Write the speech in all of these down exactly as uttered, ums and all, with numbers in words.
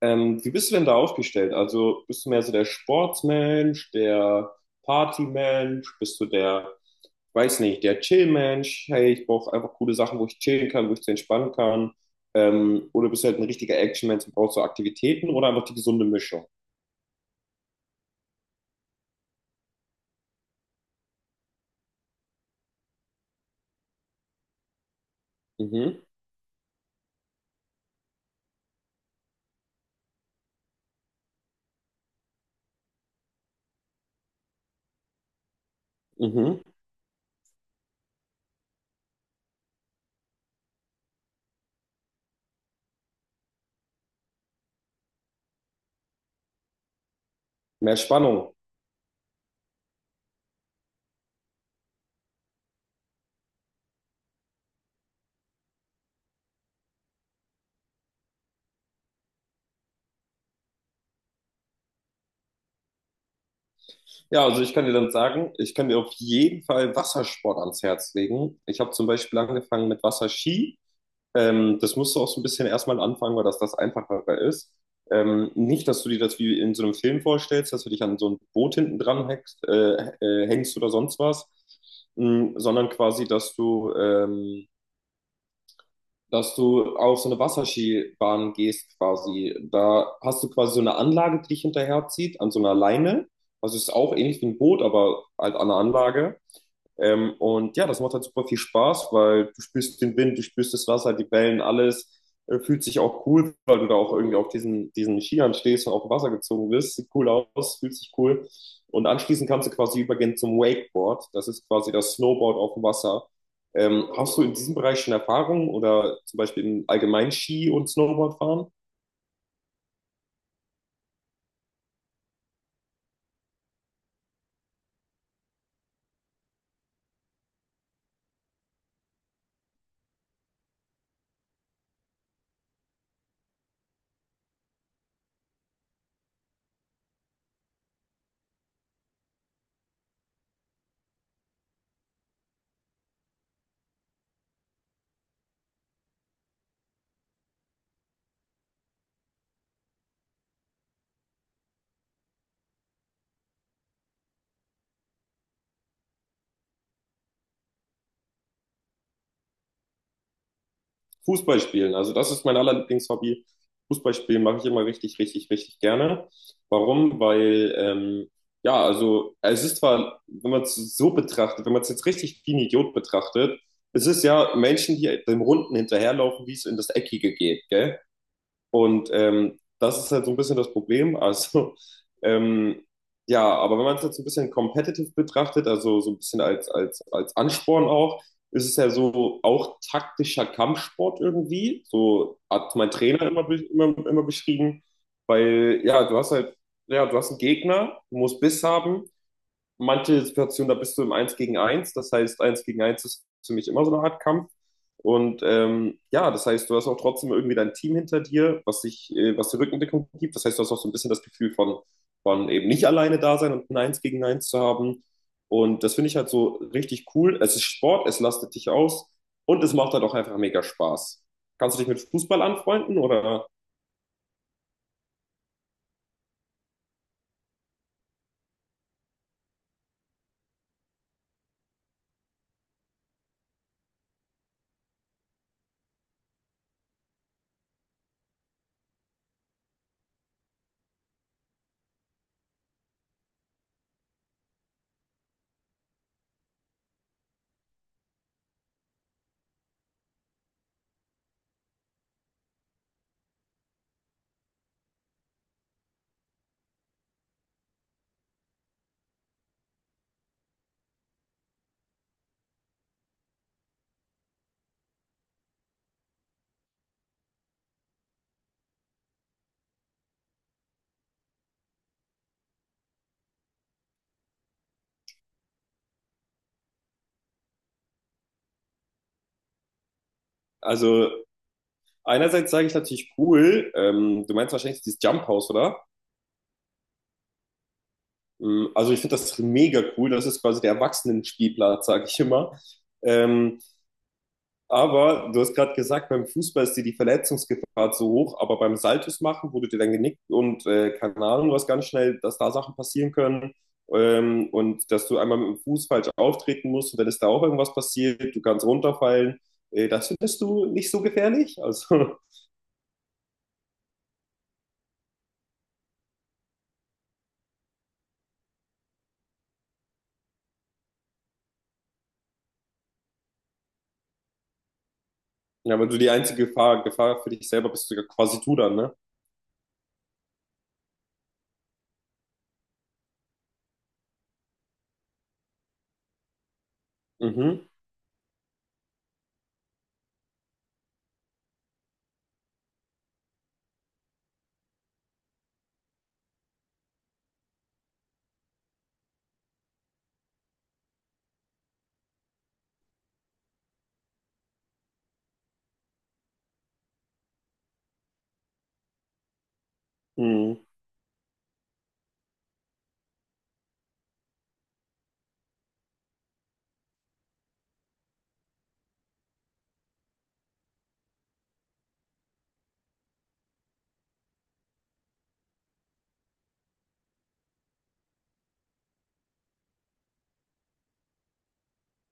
Ähm, wie bist du denn da aufgestellt? Also bist du mehr so der Sportsmensch, der Partymensch, bist du der, weiß nicht, der Chillmensch? Hey, ich brauche einfach coole Sachen, wo ich chillen kann, wo ich zu entspannen kann. Ähm, oder bist du halt ein richtiger Actionmensch und brauchst so Aktivitäten oder einfach die gesunde Mischung? Mhm, mhm. Mehr Spannung. Ja, also ich kann dir dann sagen, ich kann dir auf jeden Fall Wassersport ans Herz legen. Ich habe zum Beispiel angefangen mit Wasserski. Ähm, das musst du auch so ein bisschen erstmal anfangen, weil das das Einfachere ist. Ähm, nicht, dass du dir das wie in so einem Film vorstellst, dass du dich an so ein Boot hinten dran hängst, äh, äh, hängst oder sonst was, mh, sondern quasi, dass du, ähm, dass du auf so eine Wasserskibahn gehst quasi. Da hast du quasi so eine Anlage, die dich hinterherzieht, an so einer Leine. Also es ist auch ähnlich wie ein Boot, aber halt an einer Anlage. Ähm, und ja, das macht halt super viel Spaß, weil du spürst den Wind, du spürst das Wasser, die Wellen, alles. Äh, fühlt sich auch cool, weil du da auch irgendwie auf diesen, diesen Skiern stehst und auf dem Wasser gezogen wirst. Sieht cool aus, fühlt sich cool. Und anschließend kannst du quasi übergehen zum Wakeboard. Das ist quasi das Snowboard auf dem Wasser. Ähm, hast du in diesem Bereich schon Erfahrung oder zum Beispiel im allgemeinen Ski- und Snowboardfahren? Fußball spielen. Also das ist mein allerlieblings Hobby. Fußball spielen mache ich immer richtig, richtig, richtig gerne. Warum? Weil, ähm, ja, also es ist zwar, wenn man es so betrachtet, wenn man es jetzt richtig wie ein Idiot betrachtet, es ist ja Menschen, die dem Runden hinterherlaufen, wie es in das Eckige geht, gell? Und ähm, das ist halt so ein bisschen das Problem. Also, ähm, ja, aber wenn man es jetzt so ein bisschen competitive betrachtet, also so ein bisschen als, als, als Ansporn auch, ist es ja so auch taktischer Kampfsport irgendwie. So hat mein Trainer immer, be- immer, immer beschrieben, weil ja, du hast halt, ja, du hast einen Gegner, du musst Biss haben, manche Situationen, da bist du im Eins gegen Eins. Das heißt, Eins gegen Eins ist für mich immer so eine Art Kampf. Und ähm, ja, das heißt, du hast auch trotzdem irgendwie dein Team hinter dir, was sich, äh, was die Rückendeckung gibt. Das heißt, du hast auch so ein bisschen das Gefühl von, von eben nicht alleine da sein und ein Eins gegen Eins zu haben. Und das finde ich halt so richtig cool. Es ist Sport, es lastet dich aus und es macht halt auch einfach mega Spaß. Kannst du dich mit Fußball anfreunden oder? Also einerseits sage ich natürlich cool. Ähm, du meinst wahrscheinlich dieses Jump House, oder? Ähm, Also ich finde das mega cool. Das ist quasi der Erwachsenenspielplatz, sage ich immer. Ähm, aber du hast gerade gesagt, beim Fußball ist dir die Verletzungsgefahr zu hoch, aber beim Saltos machen, wo du dir dann genickt und äh, keine Ahnung, was ganz schnell, dass da Sachen passieren können, ähm, und dass du einmal mit dem Fuß falsch auftreten musst und dann ist da auch irgendwas passiert, du kannst runterfallen. Äh, das findest du nicht so gefährlich? Also, ja, aber du die einzige Gefahr, Gefahr für dich selber bist du ja quasi du dann, ne? Mhm. Mhm.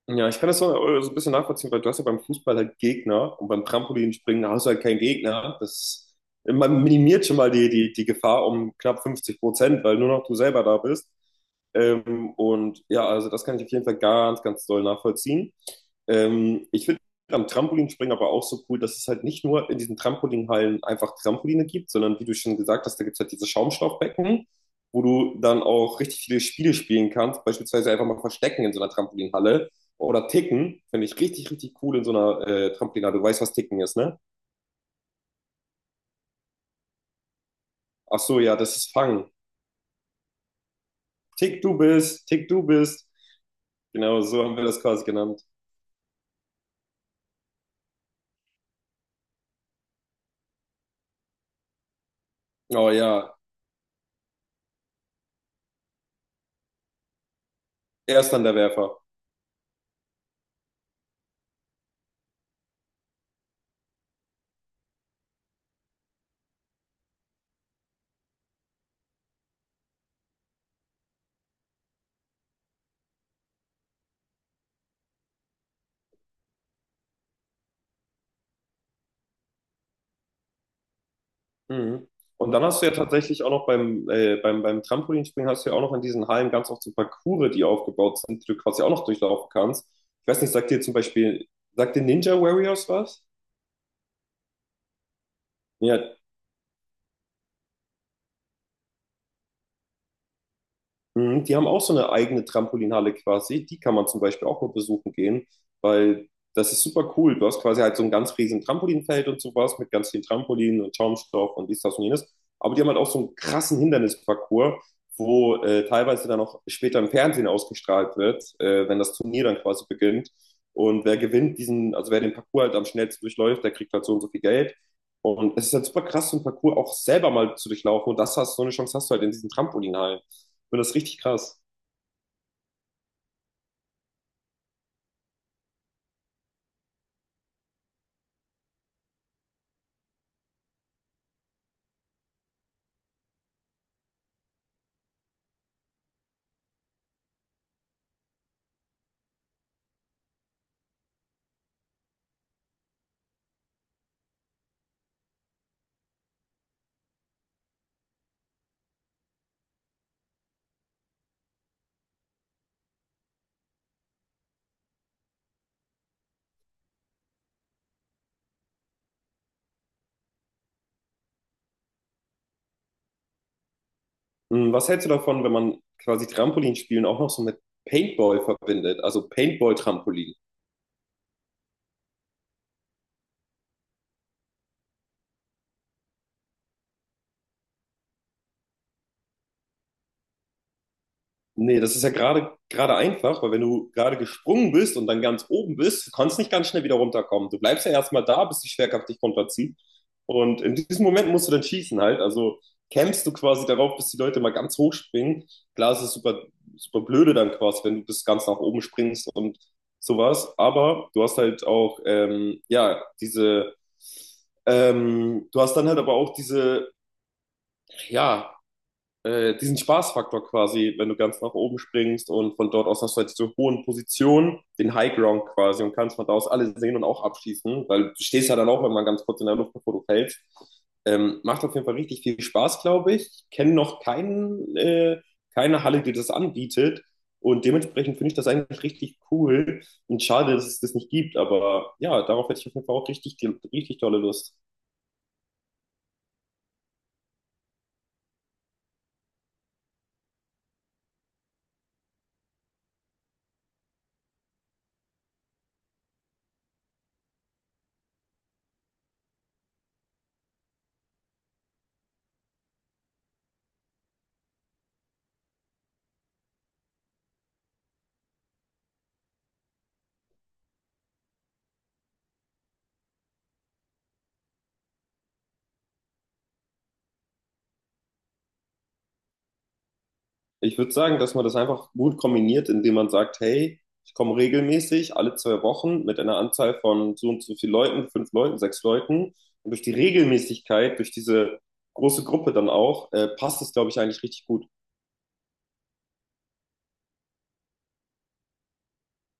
Ja, ich kann das so, äh, so ein bisschen nachvollziehen, weil du hast ja beim Fußball halt Gegner und beim Trampolinspringen hast du halt keinen Gegner. Das, man minimiert schon mal die, die, die Gefahr um knapp fünfzig Prozent, weil nur noch du selber da bist. Ähm, und ja, also das kann ich auf jeden Fall ganz, ganz doll nachvollziehen. Ähm, ich finde am Trampolinspringen aber auch so cool, dass es halt nicht nur in diesen Trampolinhallen einfach Trampoline gibt, sondern wie du schon gesagt hast, da gibt es halt diese Schaumstoffbecken, wo du dann auch richtig viele Spiele spielen kannst, beispielsweise einfach mal Verstecken in so einer Trampolinhalle. Oder Ticken, finde ich richtig, richtig cool in so einer äh, Trampolinade. Du weißt, was Ticken ist, ne? Ach so, ja, das ist Fangen. Tick, du bist, Tick, du bist. Genau, so haben wir das quasi genannt. Oh ja, er ist dann der Werfer. Mhm. Und dann hast du ja tatsächlich auch noch beim, äh, beim, beim Trampolinspringen hast du ja auch noch in diesen Hallen ganz oft so Parcours, die aufgebaut sind, die du quasi auch noch durchlaufen kannst. Ich weiß nicht, sagt dir zum Beispiel, sagt dir Ninja Warriors was? Ja. Mhm. Die haben auch so eine eigene Trampolinhalle quasi. Die kann man zum Beispiel auch mal besuchen gehen, weil das ist super cool. Du hast quasi halt so ein ganz riesen Trampolinfeld und sowas mit ganz vielen Trampolinen und Schaumstoff und dies, das und jenes. Aber die haben halt auch so einen krassen Hindernisparcours, wo äh, teilweise dann auch später im Fernsehen ausgestrahlt wird, äh, wenn das Turnier dann quasi beginnt. Und wer gewinnt diesen, also wer den Parcours halt am schnellsten durchläuft, der kriegt halt so und so viel Geld. Und es ist halt super krass, so einen Parcours auch selber mal zu durchlaufen. Und das hast, so eine Chance hast du halt in diesen Trampolinhallen. Ich finde das richtig krass. Hm, Was hältst du davon, wenn man quasi Trampolinspielen auch noch so mit Paintball verbindet? Also Paintball-Trampolin. Nee, das ist ja gerade gerade einfach, weil wenn du gerade gesprungen bist und dann ganz oben bist, du kannst nicht ganz schnell wieder runterkommen. Du bleibst ja erstmal da, bis die Schwerkraft dich runterzieht. Und in diesem Moment musst du dann schießen halt. Also campst du quasi darauf, bis die Leute mal ganz hoch springen. Klar, es ist super, super blöde dann quasi, wenn du bis ganz nach oben springst und sowas. Aber du hast halt auch, ähm, ja, diese, ähm, du hast dann halt aber auch diese, ja, äh, diesen Spaßfaktor quasi, wenn du ganz nach oben springst und von dort aus hast du halt diese hohen Positionen, den High Ground quasi und kannst von da aus alle sehen und auch abschießen, weil du stehst ja dann auch immer ganz kurz in der Luft, bevor du fällst. Ähm, macht auf jeden Fall richtig viel Spaß, glaube ich. Ich kenne noch keinen, äh, keine Halle, die das anbietet. Und dementsprechend finde ich das eigentlich richtig cool und schade, dass es das nicht gibt. Aber ja, darauf hätte ich auf jeden Fall auch richtig, richtig tolle Lust. Ich würde sagen, dass man das einfach gut kombiniert, indem man sagt, hey, ich komme regelmäßig alle zwei Wochen mit einer Anzahl von so und so viel Leuten, fünf Leuten, sechs Leuten. Und durch die Regelmäßigkeit, durch diese große Gruppe dann auch, äh, passt es, glaube ich, eigentlich richtig gut.